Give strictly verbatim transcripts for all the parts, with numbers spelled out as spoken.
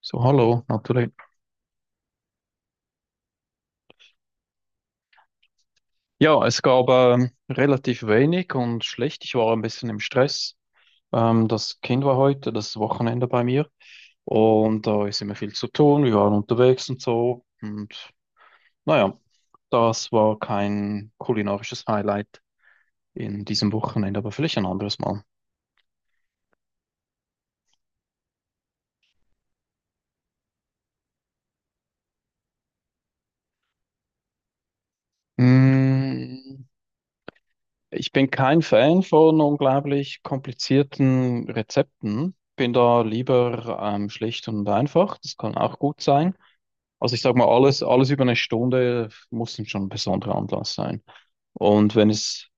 So, hallo, natürlich. Ja, es gab ähm, relativ wenig und schlecht. Ich war ein bisschen im Stress. Ähm, das Kind war heute, das Wochenende bei mir. Und da ist immer viel zu tun. Wir waren unterwegs und so. Und naja, das war kein kulinarisches Highlight in diesem Wochenende, aber vielleicht ein anderes Mal. Mm, ich bin kein Fan von unglaublich komplizierten Rezepten. Bin da lieber ähm, schlicht und einfach. Das kann auch gut sein. Also ich sag mal, alles, alles über eine Stunde muss dann schon ein besonderer Anlass sein. Und wenn es,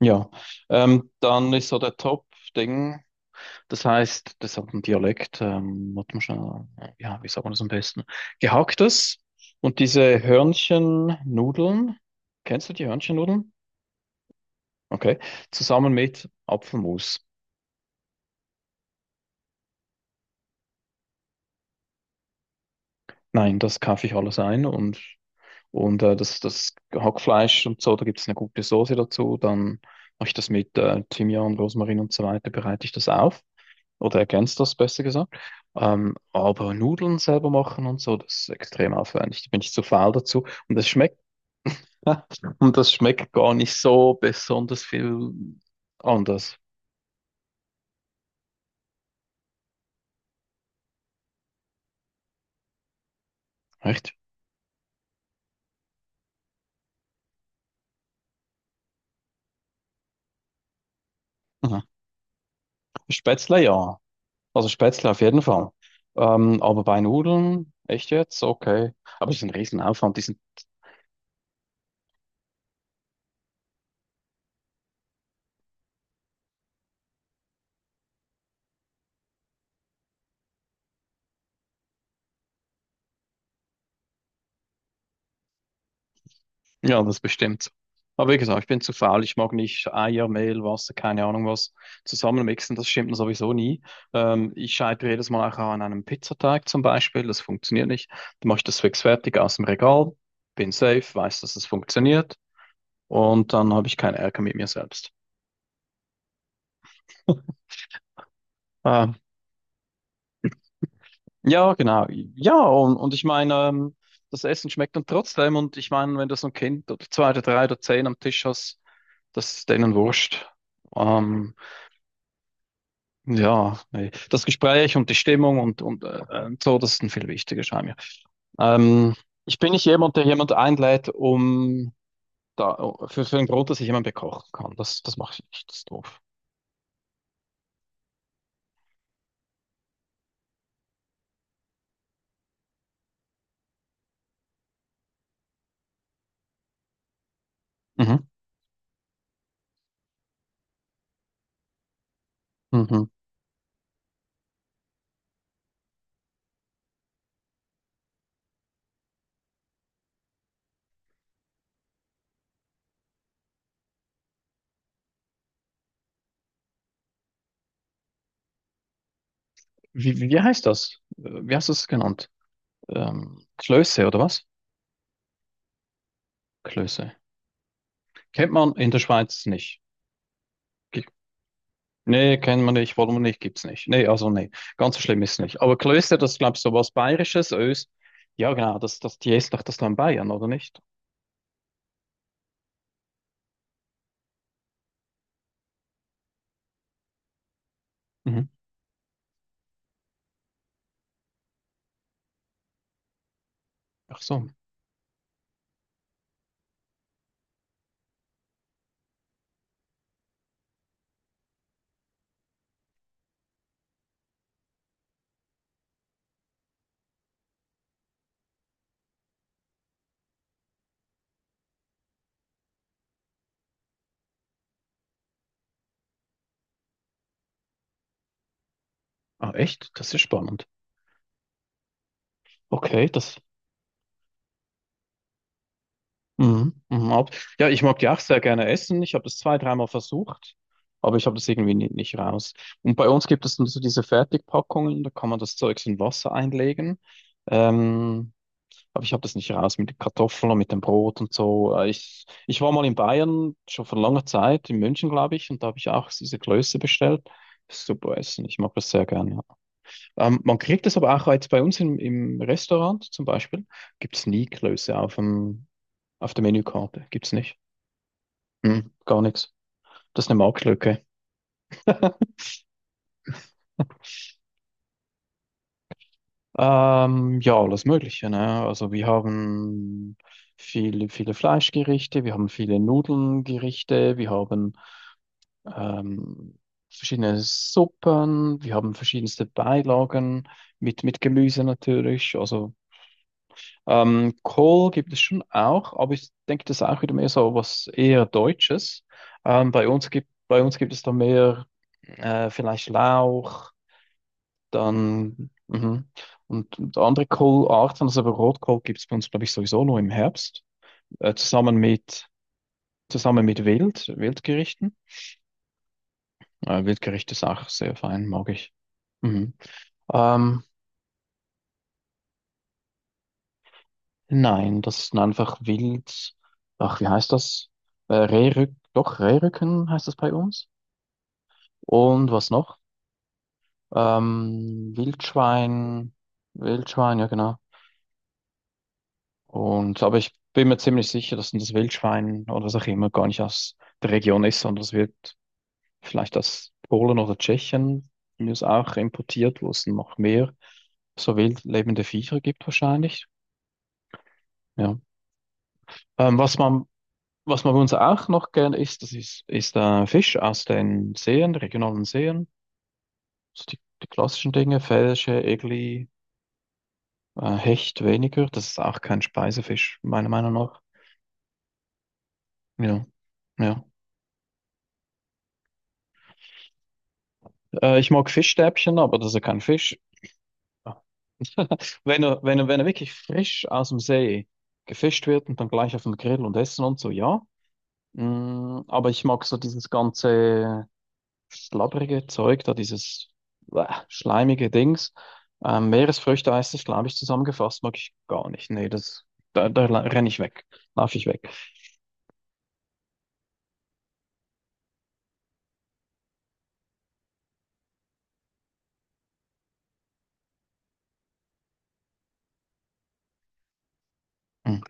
ja, ähm, dann ist so der Top-Ding. Das heißt, das hat einen Dialekt, ähm, hat man schon, ja, wie sagt man das am besten? Gehacktes und diese Hörnchennudeln, kennst du die Hörnchennudeln? Okay, zusammen mit Apfelmus. Nein, das kaufe ich alles ein und, und äh, das, das Hackfleisch und so, da gibt es eine gute Soße dazu. Dann mache ich das mit äh, Thymian, Rosmarin und so weiter, bereite ich das auf oder ergänze das besser gesagt. Ähm, aber Nudeln selber machen und so, das ist extrem aufwendig. Da bin ich zu faul dazu. Und das schmeckt, und das schmeckt gar nicht so besonders viel anders. Echt? Aha. Spätzle, ja. Also Spätzle auf jeden Fall. Ähm, aber bei Nudeln, echt jetzt? Okay. Aber es ist ein Riesenaufwand, die sind, ja, das bestimmt. So. Aber wie gesagt, ich bin zu faul, ich mag nicht Eier, Mehl, Wasser, keine Ahnung was zusammenmixen, das stimmt mir sowieso nie. Ähm, ich scheitere jedes Mal auch an einem Pizzateig zum Beispiel, das funktioniert nicht. Dann mache ich das fix fertig aus dem Regal, bin safe, weiß, dass es funktioniert und dann habe ich keinen Ärger mit mir selbst. Ähm, Ja, genau. Ja, und, und ich meine, ähm, das Essen schmeckt dann trotzdem. Und ich meine, wenn du so ein Kind oder zwei oder drei oder zehn am Tisch hast, das ist denen wurscht. Ähm, ja, nee. Das Gespräch und die Stimmung und, und äh, äh, so, das ist dann viel wichtiger, scheint mir. Ähm, ich bin nicht jemand, der jemand einlädt, um da, für, für den Grund, dass ich jemand bekochen kann. Das, das mache ich nicht, das ist doof. Mhm. Mhm. Wie, wie wie heißt das? Äh, Wie hast du es genannt? Ähm, Klöße oder was? Klöße. Kennt man in der Schweiz nicht. Gi- Nee, kennen wir nicht, wollen wir nicht, gibt's nicht. Nee, also nee, ganz so schlimm ist es nicht. Aber Klöster, das ist, glaube ich so was Bayerisches, Ös. Ja, genau, das, das, die ist doch das dann Bayern, oder nicht? Mhm. Ach so. Ah, echt? Das ist spannend. Okay, das. Mhm. Mhm. ab- Ja, ich mag die auch sehr gerne essen. Ich habe das zwei, dreimal versucht, aber ich habe das irgendwie nicht, nicht raus. Und bei uns gibt es dann so diese Fertigpackungen, da kann man das Zeugs in Wasser einlegen. Ähm, Aber ich habe das nicht raus mit den Kartoffeln und mit dem Brot und so. Äh, Ich, ich war mal in Bayern, schon vor langer Zeit, in München, glaube ich, und da habe ich auch diese Klöße bestellt. Super Essen, ich mag das sehr gerne. Ja. Ähm, man kriegt das aber auch jetzt bei uns im, im Restaurant zum Beispiel, gibt es nie Klöße auf dem, auf der Menükarte. Gibt es nicht. Hm, gar nichts. Das ist eine Marktlücke. Ähm, ja, alles Mögliche, ne? Also wir haben viele, viele Fleischgerichte, wir haben viele Nudelngerichte, wir haben ähm, verschiedene Suppen. Wir haben verschiedenste Beilagen mit, mit Gemüse natürlich. Also ähm, Kohl gibt es schon auch, aber ich denke, das ist auch wieder mehr so was eher Deutsches. Ähm, bei uns gibt, bei uns gibt es da mehr äh, vielleicht Lauch, dann mhm. und, und andere Kohlarten. Also aber Rotkohl gibt es bei uns, glaube ich, sowieso nur im Herbst, äh, zusammen mit, zusammen mit Wild, Wildgerichten. Äh, Wildgericht ist auch sehr fein, mag ich. Mhm. Ähm, nein, das sind einfach wild. Ach, wie heißt das? Äh, Rehrück, doch, Rehrücken heißt das bei uns. Und was noch? Ähm, Wildschwein, Wildschwein, ja genau. Und aber ich bin mir ziemlich sicher, dass das Wildschwein oder was auch immer gar nicht aus der Region ist, sondern es wird vielleicht aus Polen oder Tschechien von mir ist auch importiert, wo es noch mehr so wild lebende Viecher gibt wahrscheinlich. Ja. Ähm, was man Was man bei uns auch noch gerne isst, das ist, ist äh, Fisch aus den Seen, regionalen Seen. So die, die klassischen Dinge, Felsche, Egli, äh, Hecht weniger. Das ist auch kein Speisefisch, meiner Meinung nach. Ja, ja. Äh, ich mag Fischstäbchen, aber das ist ja kein Fisch. Wenn er, wenn er, wenn er wirklich frisch aus dem See gefischt wird und dann gleich auf dem Grill und essen und so, ja. Mm, aber ich mag so dieses ganze schlabbrige Zeug, da dieses äh, schleimige Dings. Ähm, Meeresfrüchte heißt es, glaube ich, zusammengefasst, mag ich gar nicht. Nee, das, da, da la- renne ich weg, laufe ich weg. Hm.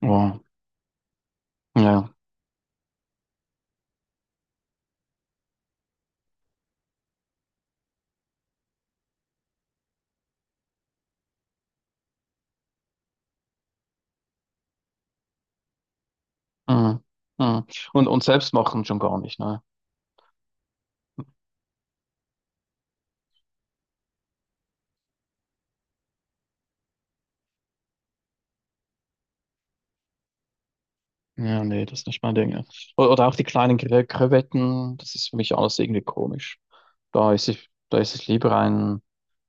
Wow. Ja. Hm. Hm. Und, und selbst machen schon gar nicht, ne? Ja, nee, das ist nicht mein Ding. Ja. O- Oder auch die kleinen Kre- Krevetten, das ist für mich alles irgendwie komisch. Da ist ich, da ist es lieber ein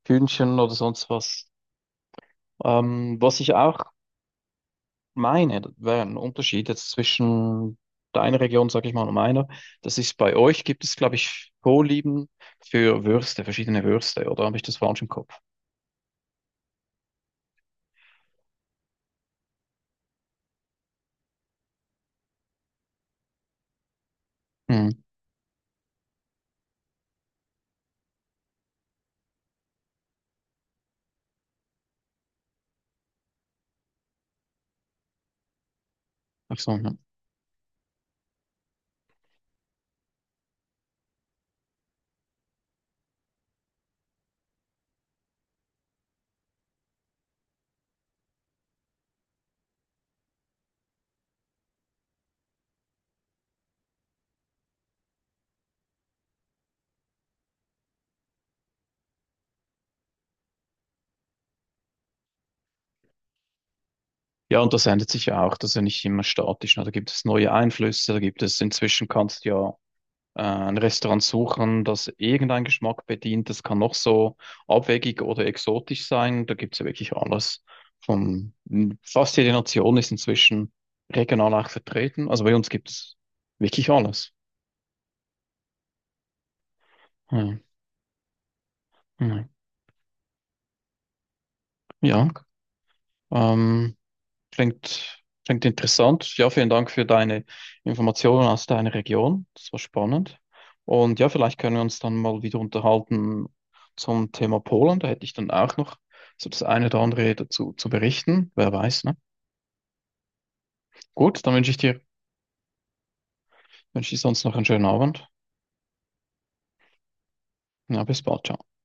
Hühnchen oder sonst was. Ähm, was ich auch meine, das wäre ein Unterschied jetzt zwischen deiner Region, sag ich mal, und meiner. Das ist bei euch, gibt es, glaube ich, Vorlieben für Würste, verschiedene Würste, oder habe ich das falsch im Kopf? Hm. Ach so, ja. Ja, und das ändert sich ja auch, das ist ja nicht immer statisch, ne? Da gibt es neue Einflüsse, da gibt es inzwischen kannst du ja äh, ein Restaurant suchen, das irgendeinen Geschmack bedient. Das kann noch so abwegig oder exotisch sein. Da gibt's ja wirklich alles. Von fast jede Nation ist inzwischen regional auch vertreten. Also bei uns gibt's wirklich alles. Ja, ja. Ja, ähm, klingt, klingt interessant. Ja, vielen Dank für deine Informationen aus deiner Region. Das war spannend. Und ja, vielleicht können wir uns dann mal wieder unterhalten zum Thema Polen. Da hätte ich dann auch noch so das eine oder andere dazu zu berichten. Wer weiß, ne? Gut, dann wünsche ich dir, wünsche ich dir sonst noch einen schönen Abend. Ja, bis bald. Ciao.